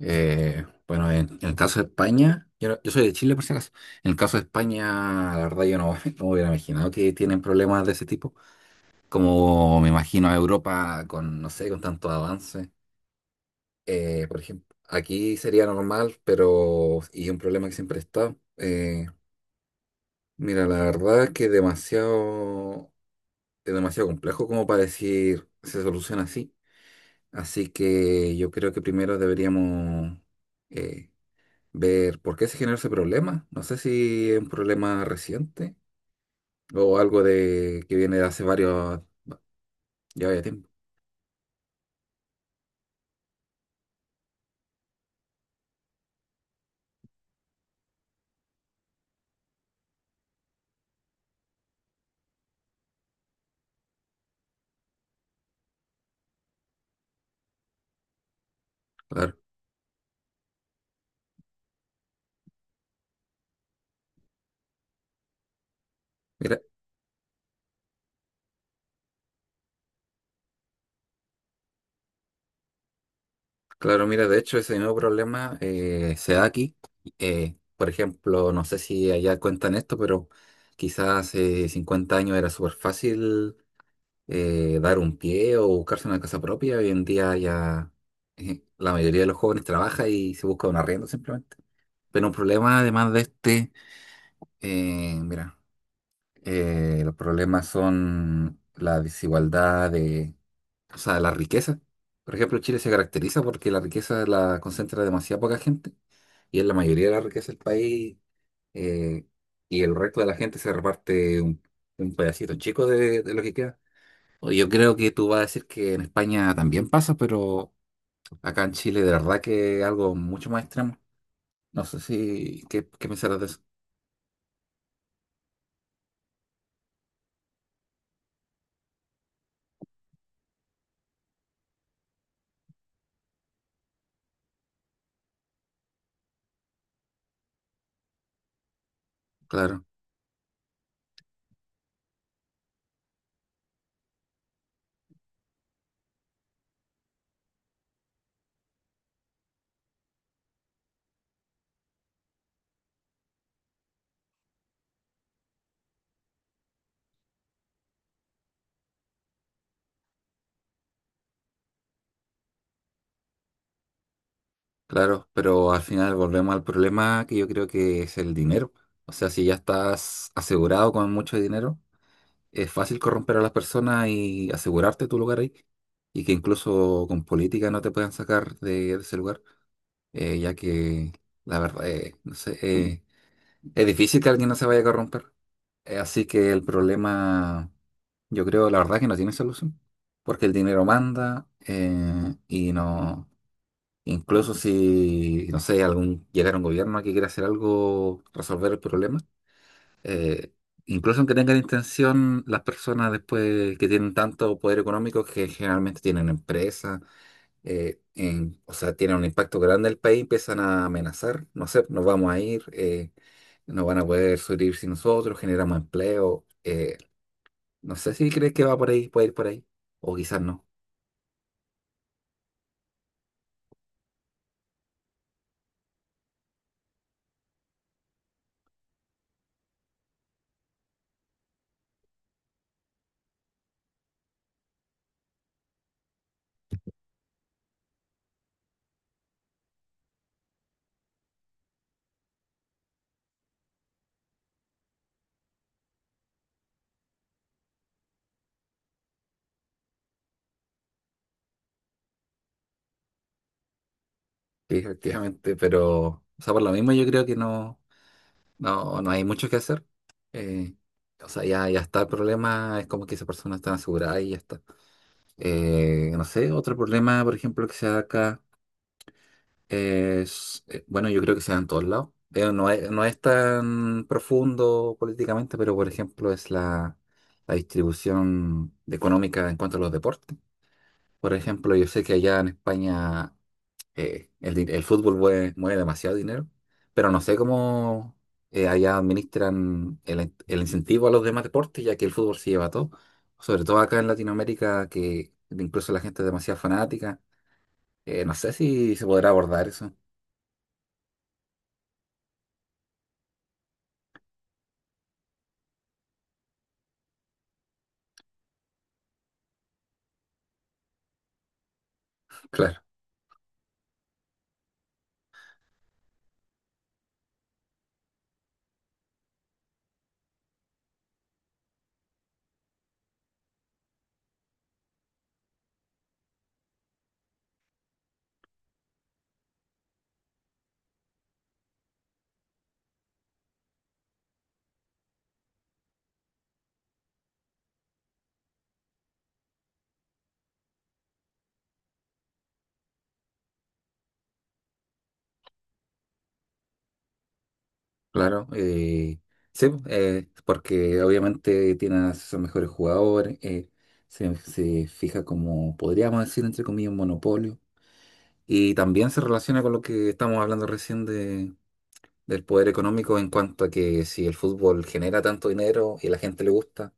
Bueno, en el caso de España, yo, no- yo soy de Chile por si acaso, en el caso de España, la verdad yo no, no hubiera imaginado que tienen problemas de ese tipo, como me imagino a Europa con, no sé, con tantos avances. Por ejemplo, aquí sería normal, pero, y un problema que siempre está, mira, la verdad es que demasiado, es demasiado complejo como para decir se soluciona así, así que yo creo que primero deberíamos... eh, ver por qué se generó ese problema. No sé si es un problema reciente o algo de que viene de hace varios, ya vaya tiempo. Claro, mira, claro, mira, de hecho ese nuevo problema se da aquí. Por ejemplo, no sé si allá cuentan esto, pero quizás hace 50 años era súper fácil dar un pie o buscarse una casa propia. Hoy en día ya la mayoría de los jóvenes trabaja y se busca un arriendo simplemente. Pero un problema además de este, mira. Los problemas son la desigualdad de, o sea, la riqueza. Por ejemplo, Chile se caracteriza porque la riqueza la concentra demasiada poca gente y es la mayoría de la riqueza del país eh, y el resto de la gente se reparte un pedacito chico de lo que queda. O Yo creo que tú vas a decir que en España también pasa, pero acá en Chile de verdad que es algo mucho más extremo. No sé si, ¿qué, qué pensarás de eso? Claro. Claro, pero al final volvemos al problema que yo creo que es el dinero. O sea, si ya estás asegurado con mucho dinero, es fácil corromper a las personas y asegurarte tu lugar ahí. Y que incluso con política no te puedan sacar de ese lugar, ya que la verdad, no sé, es difícil que alguien no se vaya a corromper. Así que el problema, yo creo, la verdad, que no tiene solución. Porque el dinero manda y no. Incluso si, no sé, algún, llegara un gobierno que quiera hacer algo, resolver el problema, eh, incluso aunque tengan intención, las personas después que tienen tanto poder económico que generalmente tienen empresas, o sea, tienen un impacto grande en el país, empiezan a amenazar, no sé, nos vamos a ir, no van a poder subir sin nosotros, generamos empleo, no sé si crees que va por ahí, puede ir por ahí, o quizás no, sí, efectivamente, pero, o sea, por lo mismo yo creo que no. No, no hay mucho que hacer. Eh, o sea, ya está el problema, es como que esa persona está asegurada y ya está. No sé, otro problema, por ejemplo, que se da acá es, bueno, yo creo que se da en todos lados. No es tan profundo políticamente, pero por ejemplo es la distribución económica en cuanto a los deportes. Por ejemplo, yo sé que allá en España el fútbol mueve demasiado dinero, pero no sé cómo allá administran el incentivo a los demás deportes, ya que el fútbol se lleva todo, sobre todo acá en Latinoamérica, que incluso la gente es demasiado fanática. No sé si se podrá abordar eso. Claro, claro. Sí, pues, porque obviamente tiene a sus mejores jugadores, se fija como, podríamos decir, entre comillas, un monopolio. Y también se relaciona con lo que estamos hablando recién del poder económico en cuanto a que si el fútbol genera tanto dinero y a la gente le gusta,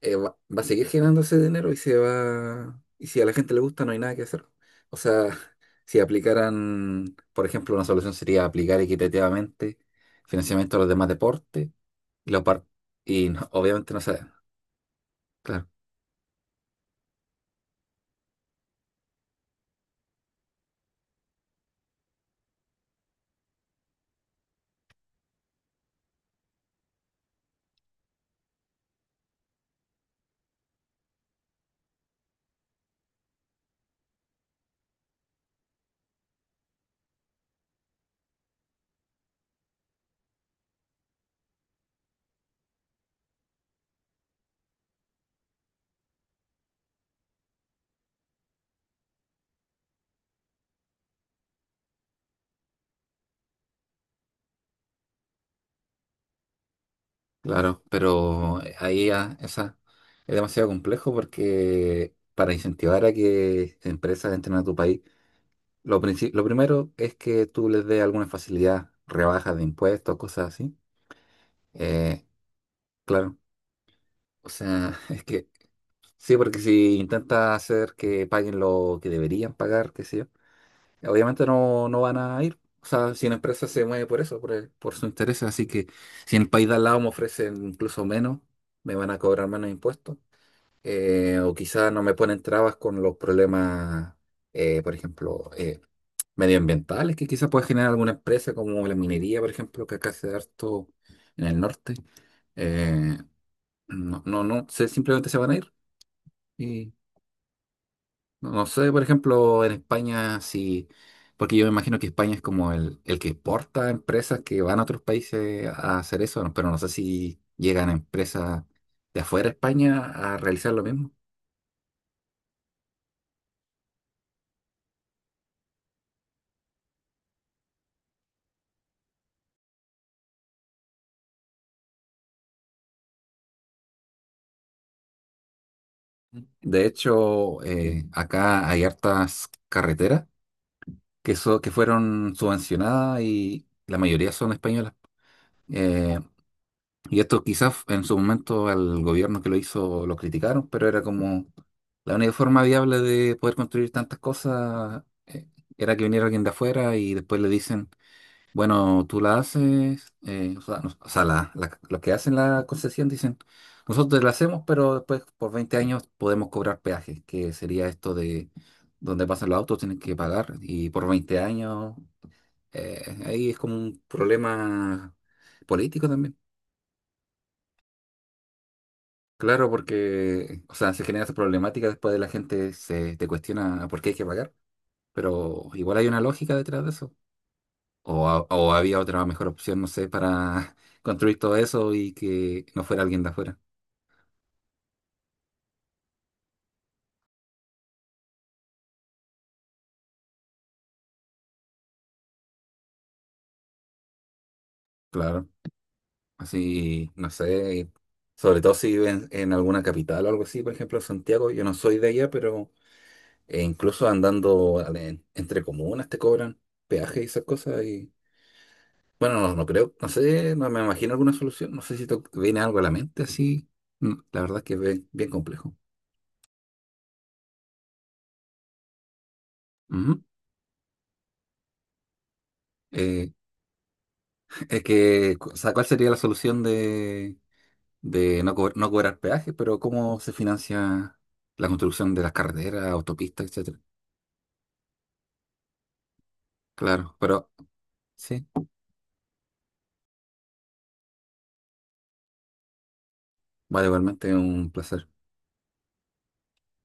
va a seguir generando ese dinero y se va, y si a la gente le gusta no hay nada que hacer. O sea, si aplicaran, por ejemplo, una solución sería aplicar equitativamente financiamiento a los demás deportes y, la par- y obviamente no se da. Claro, claro, pero ahí ya esa es demasiado complejo porque para incentivar a que empresas entren a tu país lo primero es que tú les des alguna facilidad, rebajas de impuestos, cosas así. Eh, claro, o sea, es que sí, porque si intentas hacer que paguen lo que deberían pagar, qué sé yo, obviamente no, no van a ir. O sea, si una empresa se mueve por eso, por su interés, así que si en el país de al lado me ofrecen incluso menos, me van a cobrar menos impuestos. O quizás no me ponen trabas con los problemas, por ejemplo, medioambientales que quizás puede generar alguna empresa como la minería, por ejemplo, que acá se da harto en el norte. Eh, no sé, simplemente se van a ir. Y no, no sé, por ejemplo, en España, si, porque yo me imagino que España es como el que exporta empresas que van a otros países a hacer eso, ¿no? Pero no sé si llegan empresas de afuera de España a realizar lo mismo. De hecho, acá hay hartas carreteras que fueron subvencionadas y la mayoría son españolas. Eh, y esto quizás en su momento al gobierno que lo hizo lo criticaron, pero era como la única forma viable de poder construir tantas cosas era que viniera alguien de afuera y después le dicen, bueno, tú la haces, o sea, no- o sea, los que hacen la concesión dicen, nosotros la hacemos, pero después por 20 años podemos cobrar peajes, que sería esto de donde pasan los autos, tienen que pagar y por 20 años ahí es como un problema político también. Claro, porque, o sea, se genera esa problemática después de la gente se te cuestiona por qué hay que pagar, pero igual hay una lógica detrás de eso. O había otra mejor opción, no sé, para construir todo eso y que no fuera alguien de afuera. Claro, así, no sé, sobre todo si viven en alguna capital o algo así, por ejemplo, Santiago, yo no soy de allá, pero incluso entre comunas te cobran peaje y esas cosas y... Bueno, no, no creo, no sé, no me imagino alguna solución. No sé si te viene algo a la mente así. No, la verdad es que es bien, bien complejo. Ujú. Eh, es que, o sea, ¿cuál sería la solución de, de no cobrar peajes, pero cómo se financia la construcción de las carreteras, autopistas, etcétera? Claro, pero sí, vale, igualmente un placer.